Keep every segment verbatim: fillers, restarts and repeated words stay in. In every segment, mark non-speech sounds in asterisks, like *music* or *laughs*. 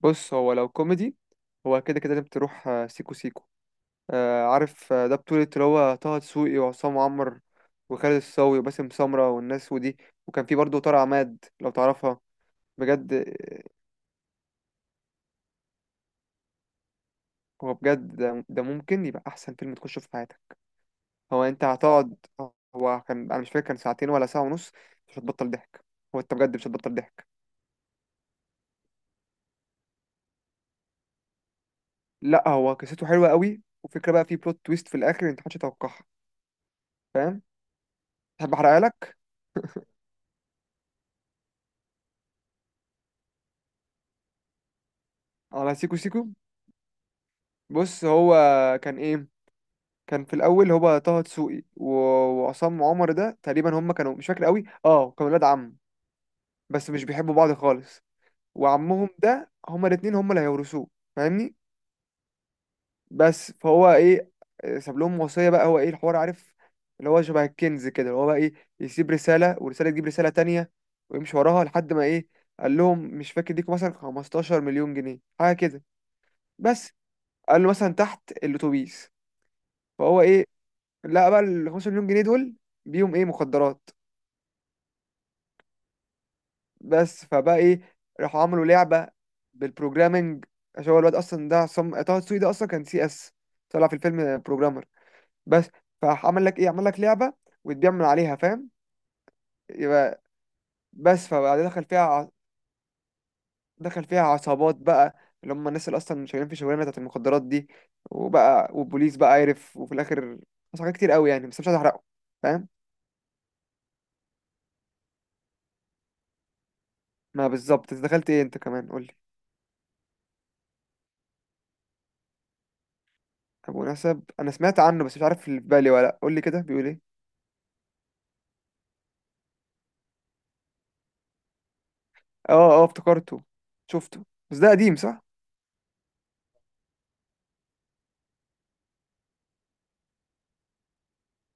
بص، هو لو كوميدي هو كده كده لازم تروح آه، سيكو سيكو. آه، عارف، آه، ده بطولة اللي هو طه دسوقي وعصام عمر وخالد الصاوي وباسم سمرة والناس ودي، وكان في برضه طارق عماد لو تعرفها. بجد آه، هو بجد ده ده ممكن يبقى أحسن فيلم تخشه في حياتك. هو أنت هتقعد، هو كان أنا مش فاكر كان ساعتين ولا ساعة ونص. مش هتبطل ضحك، هو أنت بجد مش هتبطل ضحك. لأ هو قصته حلوة قوي، وفكرة بقى في بلوت تويست في الآخر أنت محدش يتوقعها. فاهم؟ تحب أحرقها لك؟ على سيكو سيكو، بص هو كان ايه، كان في الاول هو طه دسوقي و- وعصام عمر، ده تقريبا هم كانوا مش فاكر قوي، اه كانوا ولاد عم بس مش بيحبوا بعض خالص، وعمهم ده هما الاتنين هما اللي هيورثوه. فاهمني؟ بس فهو ايه، ساب لهم وصية بقى، هو ايه الحوار عارف، اللي هو شبه الكنز كده، اللي هو بقى ايه، يسيب رسالة والرسالة تجيب رسالة تانية ويمشي وراها لحد ما ايه، قال لهم مش فاكر ليكوا مثلا خمستاشر مليون جنيه مليون جنيه حاجة كده، بس قال له مثلا تحت الاتوبيس. فهو ايه، لا بقى ال خمسة مليون جنيه مليون جنيه دول بيهم ايه، مخدرات. بس فبقى ايه، راحوا عملوا لعبة بالبروجرامنج، عشان هو الواد اصلا ده عصام طه دسوقي ده اصلا كان سي اس، طلع في الفيلم بروجرامر. بس فعمل لك ايه، عمل لك لعبة وتبيع من عليها، فاهم؟ يبقى بس فبعد دخل فيها ع- دخل فيها عصابات بقى، اللي هم الناس اللي اصلا شغالين في الشغلانه بتاعت المخدرات دي، وبقى والبوليس بقى عارف، وفي الاخر حصل حاجات كتير قوي يعني، بس مش عايز احرقه، فاهم. ما بالظبط انت دخلت ايه، انت كمان قول لي. طب مناسب، انا سمعت عنه بس مش عارف اللي في بالي ولا لأ، قول لي كده بيقول ايه. اه اه افتكرته، شفته بس ده قديم صح.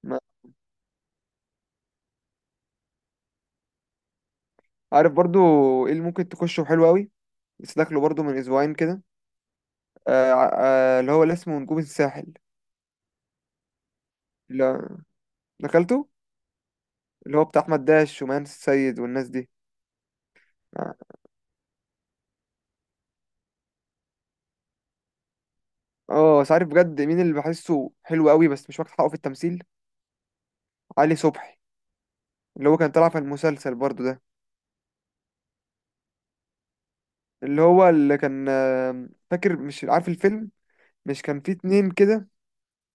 ما عارف برضو ايه اللي ممكن تخشه حلو قوي، بس داخله برضو من اسبوعين كده، آه ع- آه اللي هو اللي اسمه نجوم الساحل، اللي دخلته، اللي هو بتاع احمد داش ومان السيد والناس دي. اه، آه، بس عارف بجد مين اللي بحسه حلو قوي بس مش واخد حقه في التمثيل؟ علي صبحي، اللي هو كان طالع في المسلسل برضو ده، اللي هو اللي كان آه، فاكر مش عارف الفيلم، مش كان فيه اتنين كده،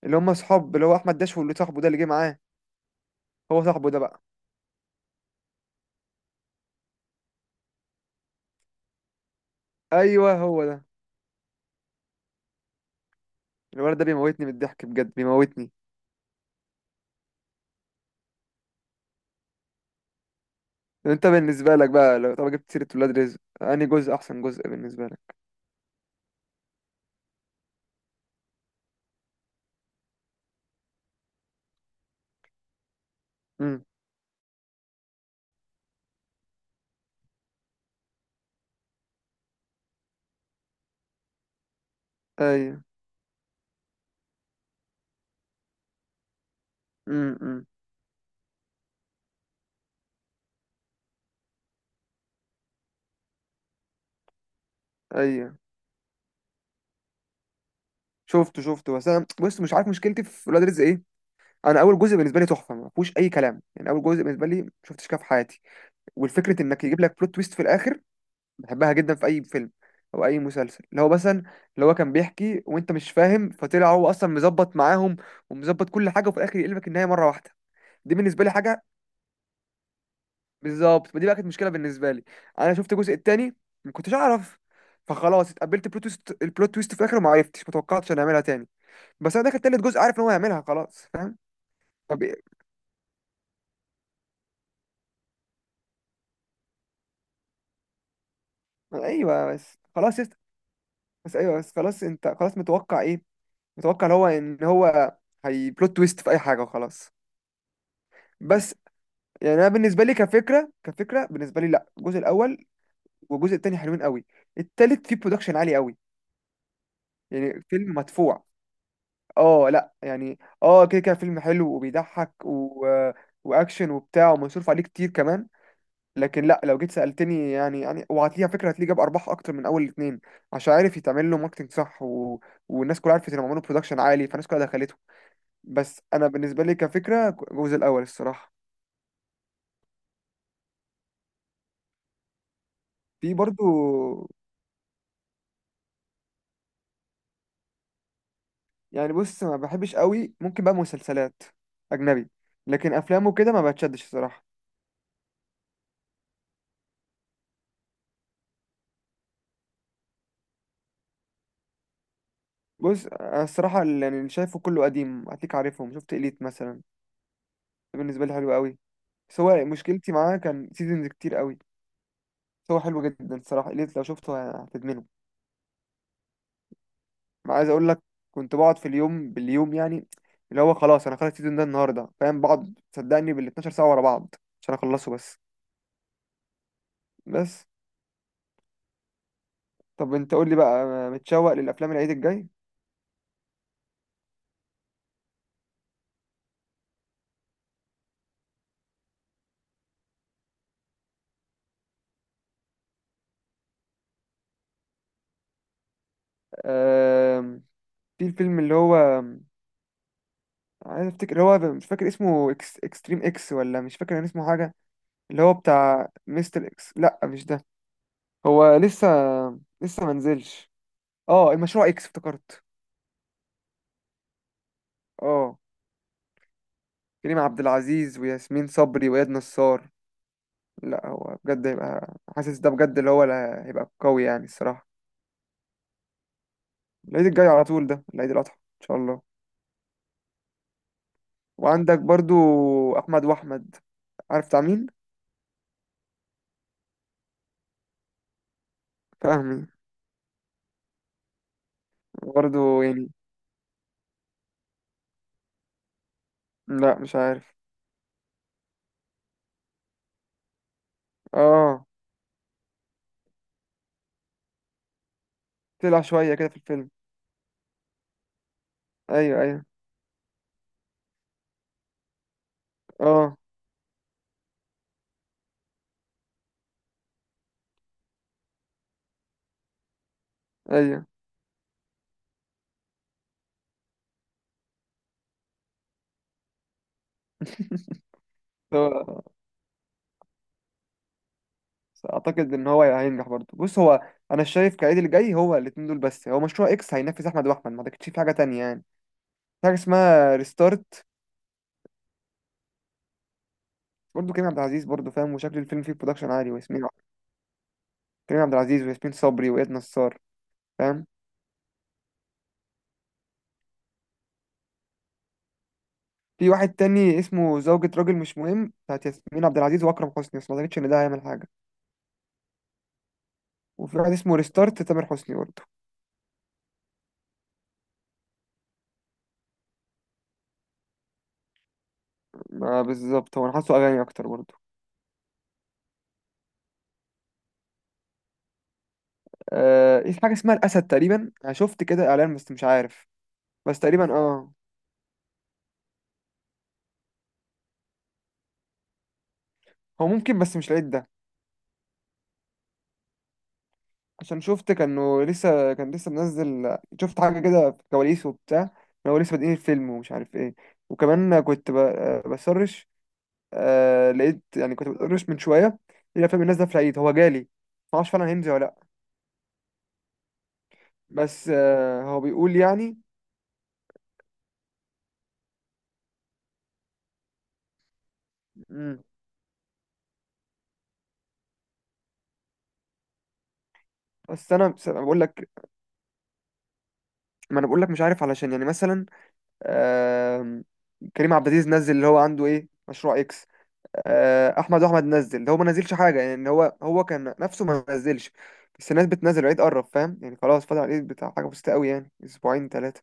اللي هم اصحاب اللي هو احمد داش، واللي صاحبه ده اللي جه معاه. هو صاحبه ده بقى. ايوه هو ده، الولد ده بيموتني من الضحك بجد بيموتني. انت بالنسبه لك بقى لو طب جبت سيره ولاد رزق انهي جزء احسن جزء بالنسبه لك؟ امم. ايوه. امم. ايوه، شفته شفته بس انا بص مش عارف مشكلتي في ولاد رزق ايه. انا اول جزء بالنسبه لي تحفه، ما فيهوش اي كلام، يعني اول جزء بالنسبه لي ما شفتش كده في حياتي. والفكره انك يجيب لك بلوت تويست في الاخر، بحبها جدا في اي فيلم او اي مسلسل، اللي هو مثلا، اللي هو كان بيحكي وانت مش فاهم، فطلع هو اصلا مظبط معاهم ومظبط كل حاجه، وفي الاخر يقلبك النهايه مره واحده، دي بالنسبه لي حاجه. بالظبط، ما دي بقى كانت مشكله بالنسبه لي، انا شفت الجزء التاني ما كنتش اعرف، فخلاص اتقبلت البلوت تويست، البلوت تويست في الاخر وما عرفتش ما توقعتش انا هعملها تاني. بس انا داخل تالت جزء عارف ان هو هيعملها خلاص، فاهم. طب إيه؟ ايوه بس خلاص يست... بس ايوه بس خلاص، انت خلاص متوقع ايه، متوقع اللي هو ان هو هي بلوت تويست في اي حاجه وخلاص. بس يعني انا بالنسبه لي كفكره، كفكره بالنسبه لي لا الجزء الاول والجزء التاني حلوين قوي، التالت فيه برودكشن عالي قوي، يعني فيلم مدفوع. اه لا يعني اه كده كده فيلم حلو وبيضحك و... واكشن وبتاع، ومصروف عليه كتير كمان. لكن لا لو جيت سالتني يعني، يعني وهتلاقيها فكره هتلاقيه جاب ارباح اكتر من اول الاثنين، عشان عارف يتعمل له ماركتنج صح و... والناس كلها عرفت انهم عملوا برودكشن عالي فالناس كلها دخلته. بس انا بالنسبه لي كفكره، الجزء الاول الصراحه. في برضو، يعني بص ما بحبش قوي، ممكن بقى مسلسلات اجنبي، لكن افلامه كده ما بتشدش الصراحه. بص أنا الصراحه اللي يعني اللي شايفه كله قديم، هتلاقيك عارفهم، شفت إليت مثلا ده بالنسبه لي حلو قوي، بس هو مشكلتي معاه كان سيزونز كتير قوي. بس هو حلو جدا الصراحه، إليت لو شفته هتدمنه، ما عايز اقول لك كنت بقعد في اليوم باليوم يعني، اللي هو خلاص انا خلاص السيزون ده النهارده فاهم، بقعد صدقني بال اثنا عشر ساعة ساعه ورا بعض عشان اخلصه بس. بس طب انت قول لي بقى، متشوق للافلام العيد الجاي؟ أه، في الفيلم اللي هو عايز افتكر، اللي هو مش فاكر اسمه، إكس... اكستريم اكس ولا مش فاكر كان اسمه حاجه، اللي هو بتاع مستر اكس، لا مش ده، هو لسه، لسه ما نزلش. اه المشروع اكس افتكرت. اه، كريم عبد العزيز وياسمين صبري واياد نصار. لا هو بجد هيبقى حاسس ده بجد، اللي هو اللي هيبقى قوي يعني الصراحه. العيد الجاي على طول، ده العيد الاضحى ان شاء الله. وعندك برضو احمد واحمد، عارف بتاع مين؟ فاهمي، برضو يعني. لا مش عارف. اه طلع شوية كده في الفيلم. أيوه أيوه. أه. أيوه. *laughs* هو أعتقد إن هو هينجح برضه. بص هو، أنا شايف كعيد اللي جاي هو الاتنين دول بس، هو مشروع إكس هينافس أحمد وأحمد، ما أعتقدش في حاجة تانية يعني. في حاجة اسمها ريستارت، برضه كريم عبد العزيز، برضه فاهم، وشكل الفيلم فيه برودكشن عالي، وياسمين، كريم عبد العزيز وياسمين صبري وإياد نصار، فاهم. في واحد تاني اسمه زوجة راجل مش مهم، بتاعت ياسمين عبد العزيز وأكرم حسني، بس ما أعتقدش إن ده هيعمل حاجة. وفي واحد اسمه ريستارت تامر حسني برضه، ما بالظبط هو أنا حاسه أغاني أكتر برضه. آه، في حاجة اسمها الأسد تقريبا، أنا شفت كده إعلان بس مش عارف، بس تقريبا اه. هو ممكن، بس مش العيد ده، عشان شفت كانه لسه، كان لسه منزل، شفت حاجة كده في الكواليس وبتاع، إن هو لسه بادئين الفيلم ومش عارف ايه. وكمان كنت ب- آه، بسرش، آه لقيت، يعني كنت بسرش من شوية إيه الأفلام اللي نازلة في العيد، هو جالي، معرفش فعلا هينزل ولا لأ. بس آه هو بيقول يعني. مم. بس أنا بس أنا بقول لك، ما أنا بقول لك مش عارف، علشان يعني مثلا آم، كريم عبد العزيز نزل اللي هو عنده ايه، مشروع اكس، آه، احمد احمد نزل، ده هو ما نزلش حاجه يعني، إن هو هو كان نفسه ما نزلش، بس الناس بتنزل العيد قرب فاهم يعني، خلاص فاضل على العيد بتاع حاجه بسيطه قوي يعني اسبوعين ثلاثه.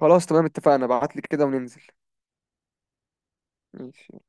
خلاص تمام اتفقنا، ابعت لي كده وننزل. ماشي.